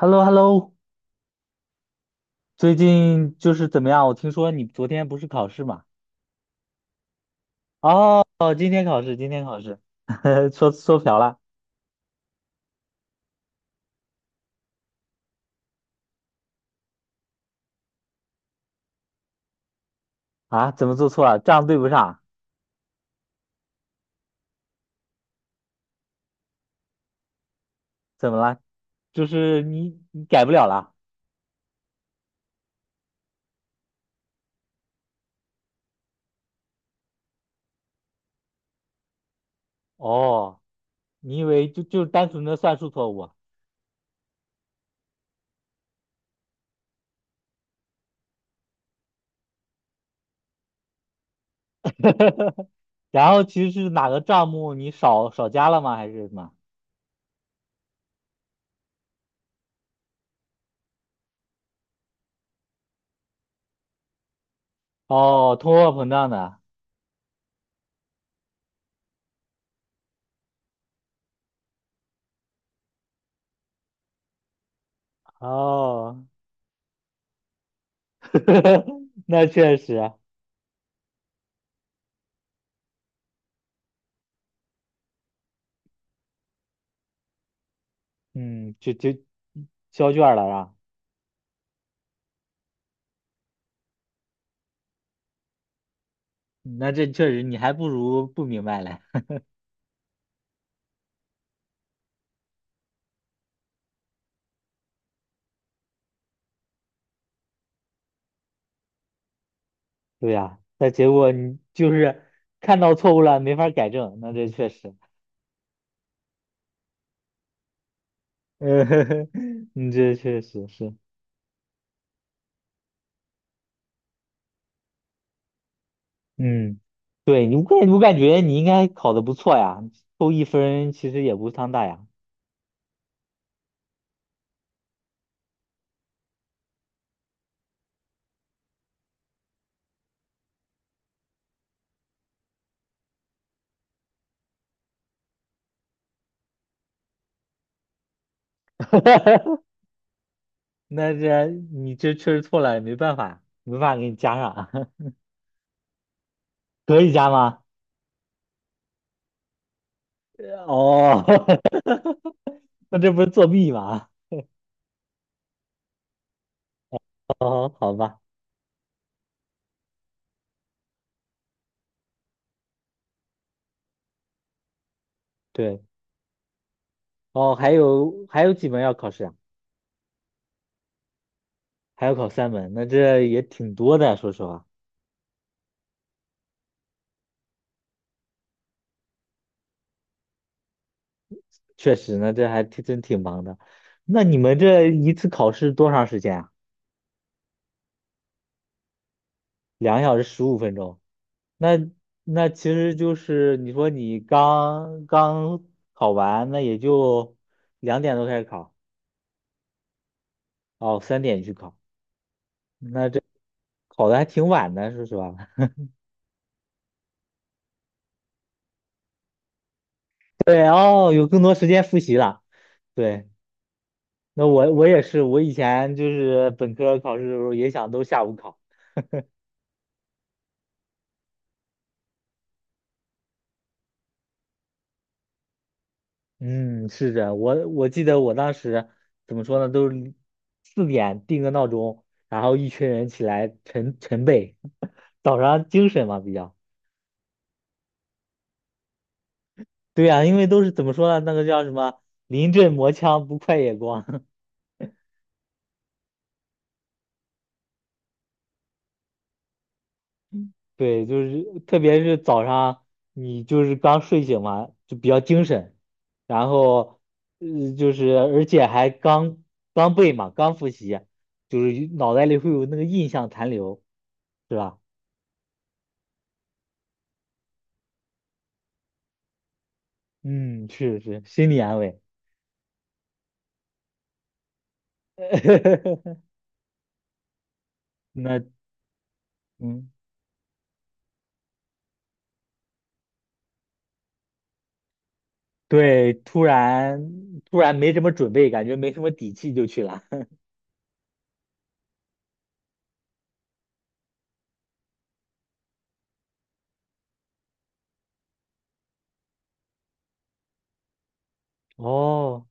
h e l l o h e l l o 最近就是怎么样？我听说你昨天不是考试嘛？哦，今天考试，今天考试，说说瓢了。啊？怎么做错了？账对不上？怎么了？就是你改不了了？哦，你以为就单纯的算术错误啊，然后其实是哪个账目你少加了吗？还是什么？哦，通货膨胀的。哦，那确实啊。嗯，就交卷儿了是吧？那这确实你还不如不明白嘞。对呀，但结果你就是看到错误了，没法改正，那这确实。嗯，你这确实是。嗯，对你，我感觉你应该考的不错呀，扣一分其实也不伤大呀。那这你这确实错了，也没办法，没办法给你加上。可以加吗？哦，那这不是作弊吗？哦，好吧，对。哦，还有几门要考试啊？还要考3门，那这也挺多的，说实话。确实呢，这还挺真挺忙的。那你们这一次考试多长时间啊？2个小时15分钟。那那其实就是你说你刚刚考完，那也就2点多开始考。哦，3点去考，那这考的还挺晚的，说实话。对哦，有更多时间复习了。对，那我也是，我以前就是本科考试的时候也想都下午考。嗯，是的，我记得我当时怎么说呢，都是4点定个闹钟，然后一群人起来晨背，早上精神嘛比较。对呀、因为都是怎么说呢，那个叫什么临阵磨枪不快也光。对，就是特别是早上你就是刚睡醒嘛，就比较精神，然后就是而且还刚刚背嘛，刚复习，就是脑袋里会有那个印象残留，是吧？嗯，是是，心理安慰。那嗯，对，突然没什么准备，感觉没什么底气就去了。哦，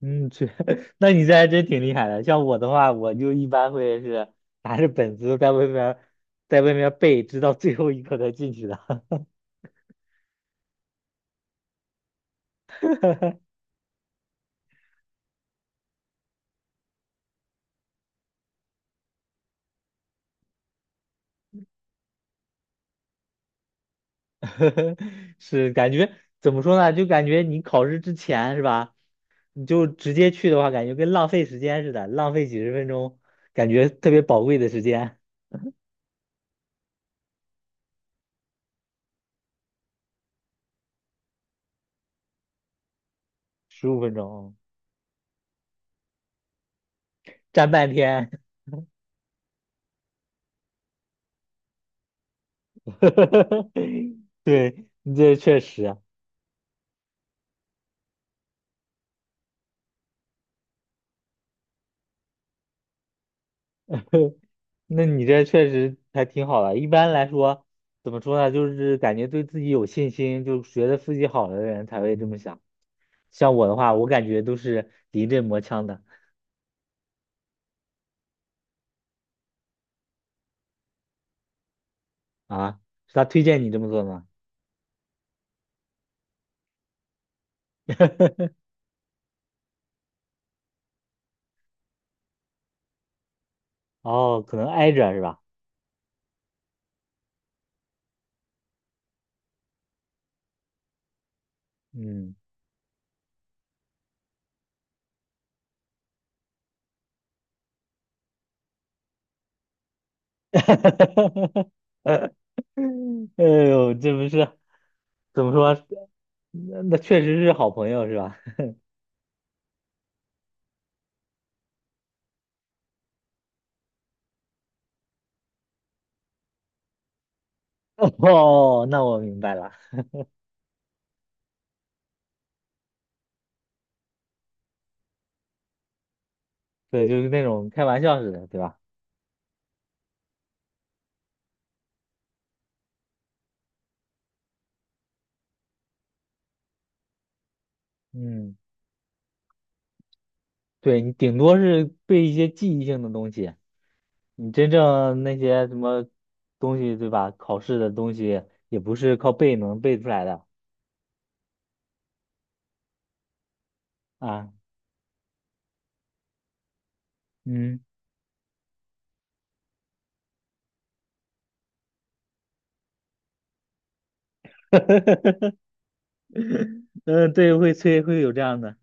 嗯，去，那你这还真挺厉害的。像我的话，我就一般会是拿着本子在外面，在外面背，直到最后一刻才进去的。是感觉怎么说呢？就感觉你考试之前是吧？你就直接去的话，感觉跟浪费时间似的，浪费几十分钟，感觉特别宝贵的时间。十五分钟，站半天。对，你这确实啊。那你这确实还挺好的。一般来说，怎么说呢？就是感觉对自己有信心，就觉得自己好的人才会这么想。像我的话，我感觉都是临阵磨枪的啊。是他推荐你这么做吗？哦，可能挨着是吧？嗯，哎呦，这不是怎么说？那确实是好朋友是吧？哦，那我明白了。对，就是那种开玩笑似的，对吧？嗯，对，你顶多是背一些记忆性的东西，你真正那些什么东西，对吧？考试的东西也不是靠背能背出来的啊。嗯，嗯，对，会催，会有这样的。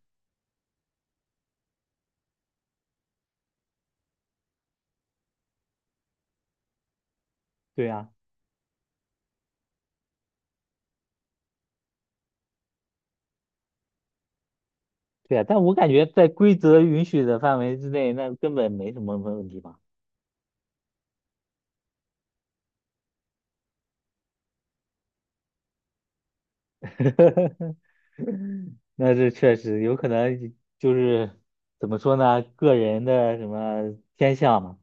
对呀，对呀，但我感觉在规则允许的范围之内，那根本没什么问题吧。那这确实有可能就是怎么说呢，个人的什么偏向嘛。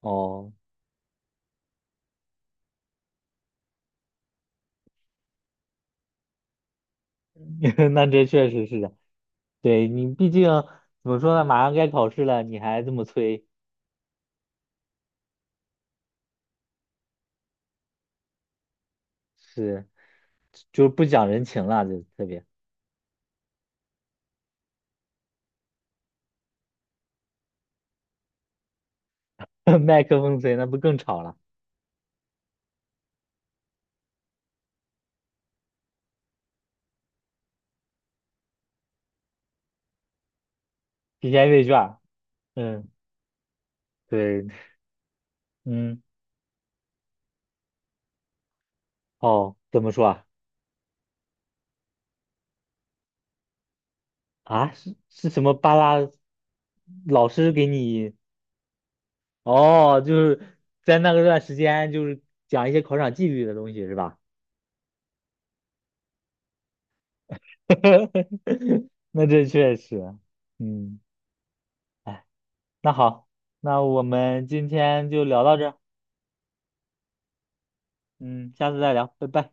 哦，那这确实是的，对你毕竟怎么说呢，马上该考试了，你还这么催，是就是不讲人情了，就特别 麦克风催，那不更吵了？提前阅卷儿嗯，对。嗯，哦，怎么说啊？啊，是是什么巴拉老师给你？哦，就是在那个段时间，就是讲一些考场纪律的东西，是吧？那这确实。嗯，哎，那好，那我们今天就聊到这儿。嗯，下次再聊，拜拜。